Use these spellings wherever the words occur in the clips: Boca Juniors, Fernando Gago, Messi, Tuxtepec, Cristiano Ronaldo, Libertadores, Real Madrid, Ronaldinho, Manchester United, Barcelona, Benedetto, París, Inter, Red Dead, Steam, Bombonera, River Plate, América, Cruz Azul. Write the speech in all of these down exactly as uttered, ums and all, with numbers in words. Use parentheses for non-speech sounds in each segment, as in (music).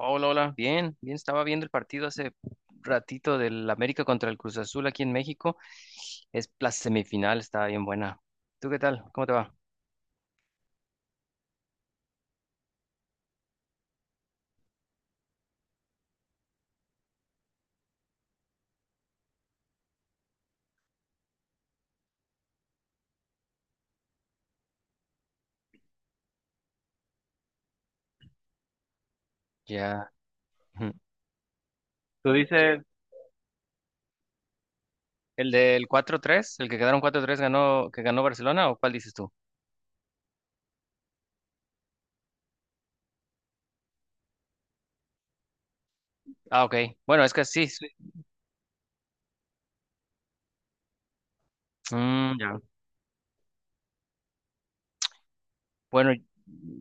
Hola, hola. Bien, bien, estaba viendo el partido hace ratito del América contra el Cruz Azul aquí en México. Es la semifinal, estaba bien buena. ¿Tú qué tal? ¿Cómo te va? Ya. Ujú. ¿Tú dices el del cuatro tres, el que quedaron cuatro tres ganó, que ganó Barcelona, o cuál dices tú? Ah, ok. Bueno, es que sí. Sí. Mm, ya. Bueno,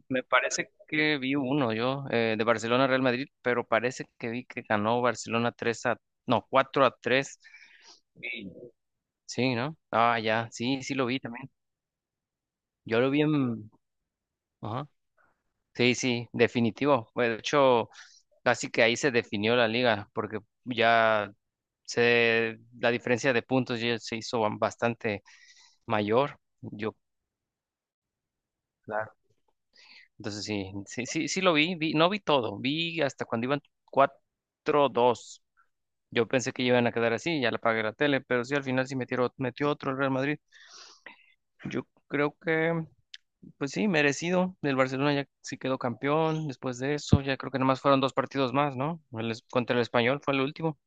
me parece que vi uno yo eh, de Barcelona Real Madrid, pero parece que vi que ganó Barcelona tres a, no, cuatro a tres. Sí, sí, ¿no? Ah, ya, sí, sí lo vi también. Yo lo vi en. Ajá. Sí, sí, definitivo. Bueno, de hecho, casi que ahí se definió la liga, porque ya se, la diferencia de puntos ya se hizo ba- bastante mayor. Yo, claro. Entonces sí, sí, sí, sí lo vi, vi, no vi todo, vi hasta cuando iban cuatro dos. Yo pensé que iban a quedar así, ya la apagué la tele, pero sí al final sí metieron, metió otro el Real Madrid. Yo creo que. Pues sí, merecido. El Barcelona ya sí quedó campeón después de eso. Ya creo que nomás fueron dos partidos más, ¿no? El es- contra el Español fue el último.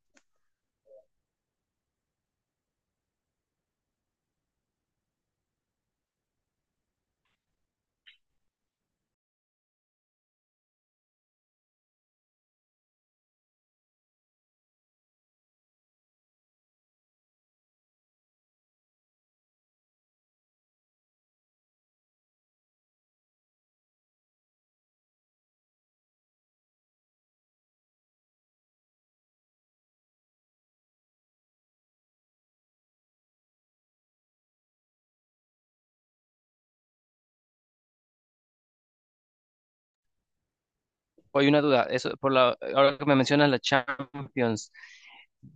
Hay una duda. Eso, por la, ahora que me mencionas la Champions,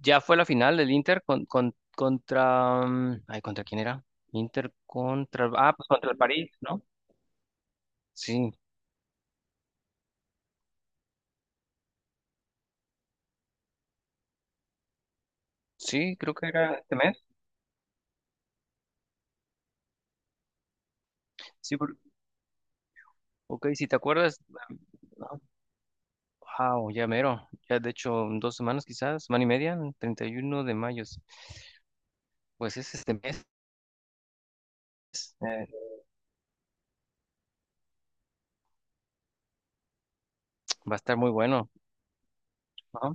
¿ya fue la final del Inter? con, con- contra... mm, Ay, ¿contra quién era? Inter contra. Ah, pues contra el París, ¿no? Sí, sí, creo que era este mes. Sí, por- ok, si te acuerdas. Wow, ya mero. Ya de hecho en dos semanas quizás, semana y media, el treinta y uno de mayo. Sí. Pues es este mes, eh, va a estar muy bueno. Ajá.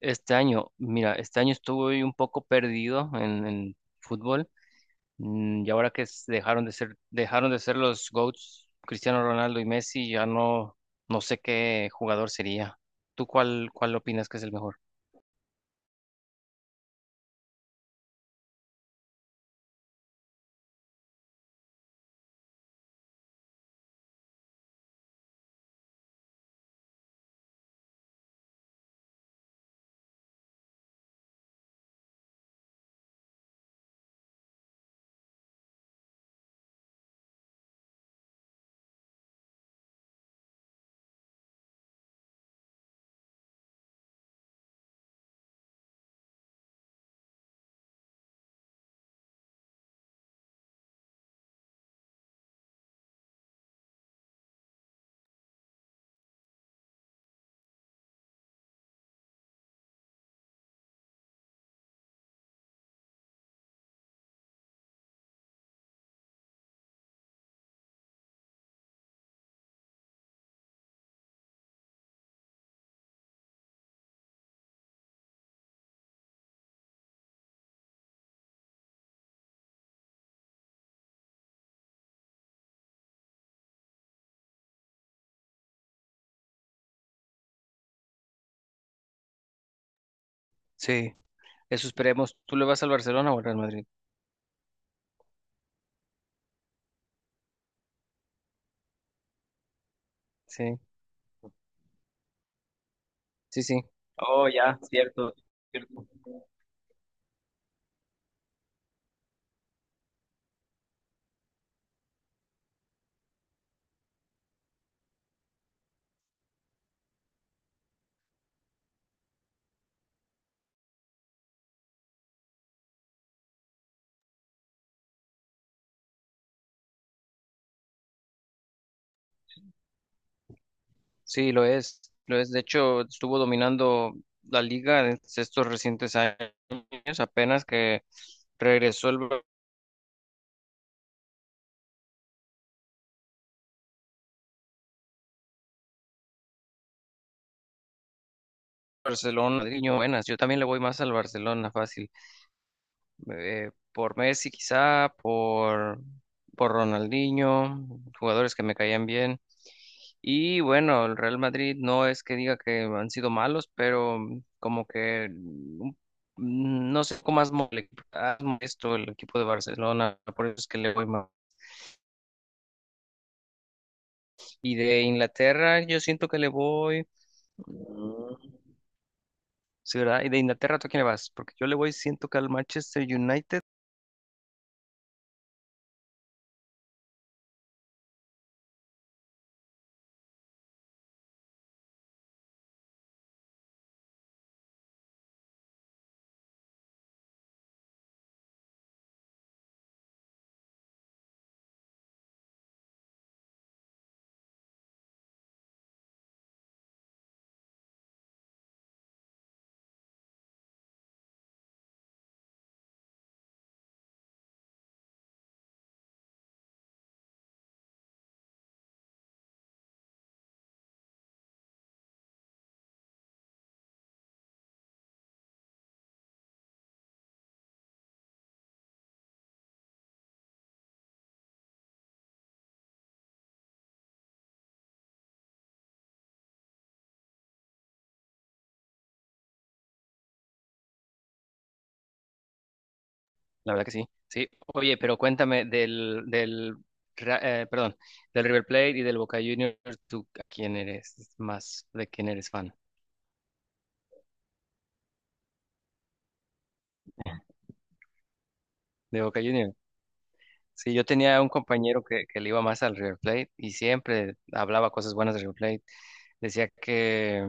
Este año, mira, este año estuve un poco perdido en, en fútbol. Mm, y ahora que s- dejaron de ser, dejaron de ser los GOATs, Cristiano Ronaldo y Messi, ya no, no sé qué jugador sería. ¿Tú cuál, cuál opinas que es el mejor? Sí, eso esperemos. ¿Tú le vas al Barcelona o al Real Madrid? Sí, sí, sí. Oh, ya, cierto. Sí, lo es, lo es. De hecho, estuvo dominando la liga en estos recientes años, apenas que regresó el Bar- Barcelona. Madrileño, buenas. Yo también le voy más al Barcelona, fácil. Eh, por Messi, quizá, por, por Ronaldinho, jugadores que me caían bien. Y bueno, el Real Madrid no es que diga que han sido malos, pero como que mm, no sé cómo has mole- has molesto el equipo de Barcelona, por eso es que le voy más. Y de Inglaterra yo siento que le voy. Mm, sí, ¿verdad? ¿Y de Inglaterra tú a quién le vas? Porque yo le voy, siento que al Manchester United. La verdad que sí. Sí. Oye, pero cuéntame del, del, Ra- eh, perdón, del River Plate y del Boca Juniors. ¿Tú a quién eres más, de quién eres fan? De Boca Juniors. Sí, yo tenía un compañero que, que le iba más al River Plate y siempre hablaba cosas buenas del River Plate. Decía que.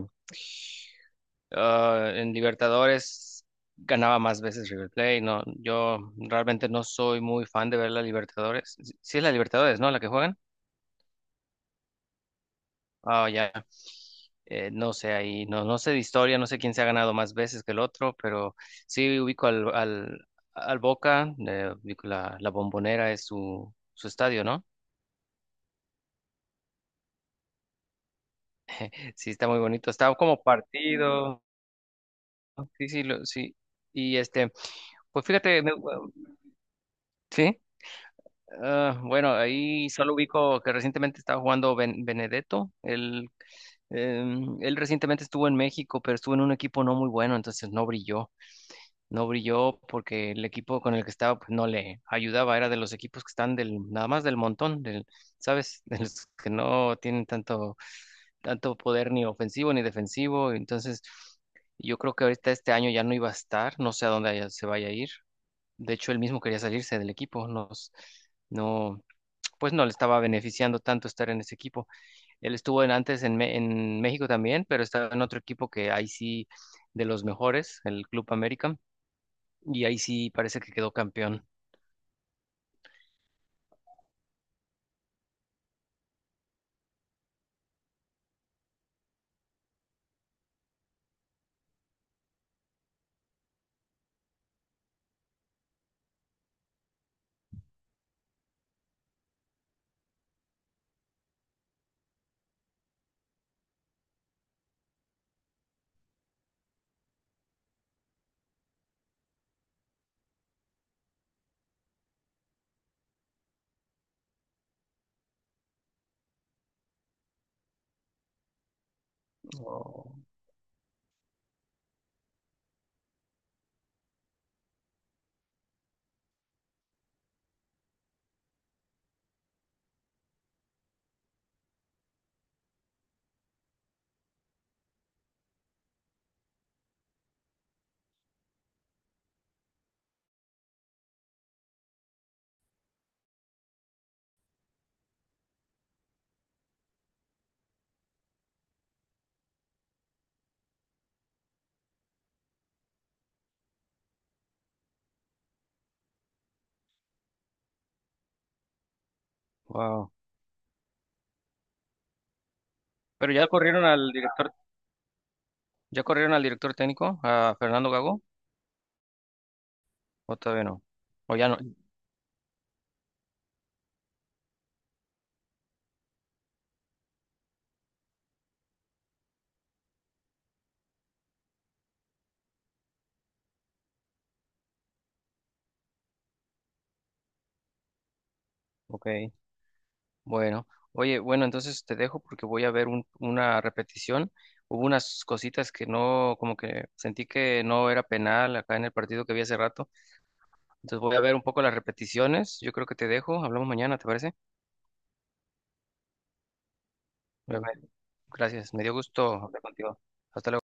Ah, en Libertadores ganaba más veces River Plate, no, yo realmente no soy muy fan de ver la Libertadores. Sí, sí es la Libertadores, ¿no? La que juegan. Ah, ya. Eh, no sé ahí, no, no sé de historia, no sé quién se ha ganado más veces que el otro, pero sí ubico al, al, al Boca, eh, ubico la, la Bombonera es su, su estadio, ¿no? Sí, está muy bonito, está como partido, sí, sí, lo- sí, y este, pues fíjate, me- sí. Ah, bueno, ahí solo ubico que recientemente estaba jugando Ben- Benedetto. Él, em, él recientemente estuvo en México, pero estuvo en un equipo no muy bueno, entonces no brilló. No brilló porque el equipo con el que estaba pues, no le ayudaba. Era de los equipos que están del, nada más del montón, del, ¿sabes? (laughs) De los que no tienen tanto, tanto poder ni ofensivo ni defensivo. Entonces, yo creo que ahorita este año ya no iba a estar. No sé a dónde haya- se vaya a ir. De hecho, él mismo quería salirse del equipo. Nos, no, pues no le estaba beneficiando tanto estar en ese equipo. Él estuvo en, antes en, Me- en México también, pero estaba en otro equipo que ahí sí de los mejores, el Club América, y ahí sí parece que quedó campeón. Oh, wow. Pero ya corrieron al director, ya corrieron al director técnico, a Fernando Gago, o todavía no, o ya no. Ok, bueno. Oye, bueno, entonces te dejo porque voy a ver un- una repetición. Hubo unas cositas que no, como que sentí que no era penal acá en el partido que vi hace rato. Entonces voy a ver un poco las repeticiones. Yo creo que te dejo. Hablamos mañana, ¿te parece? Bye, bye. Gracias. Me dio gusto hablar contigo. Hasta luego.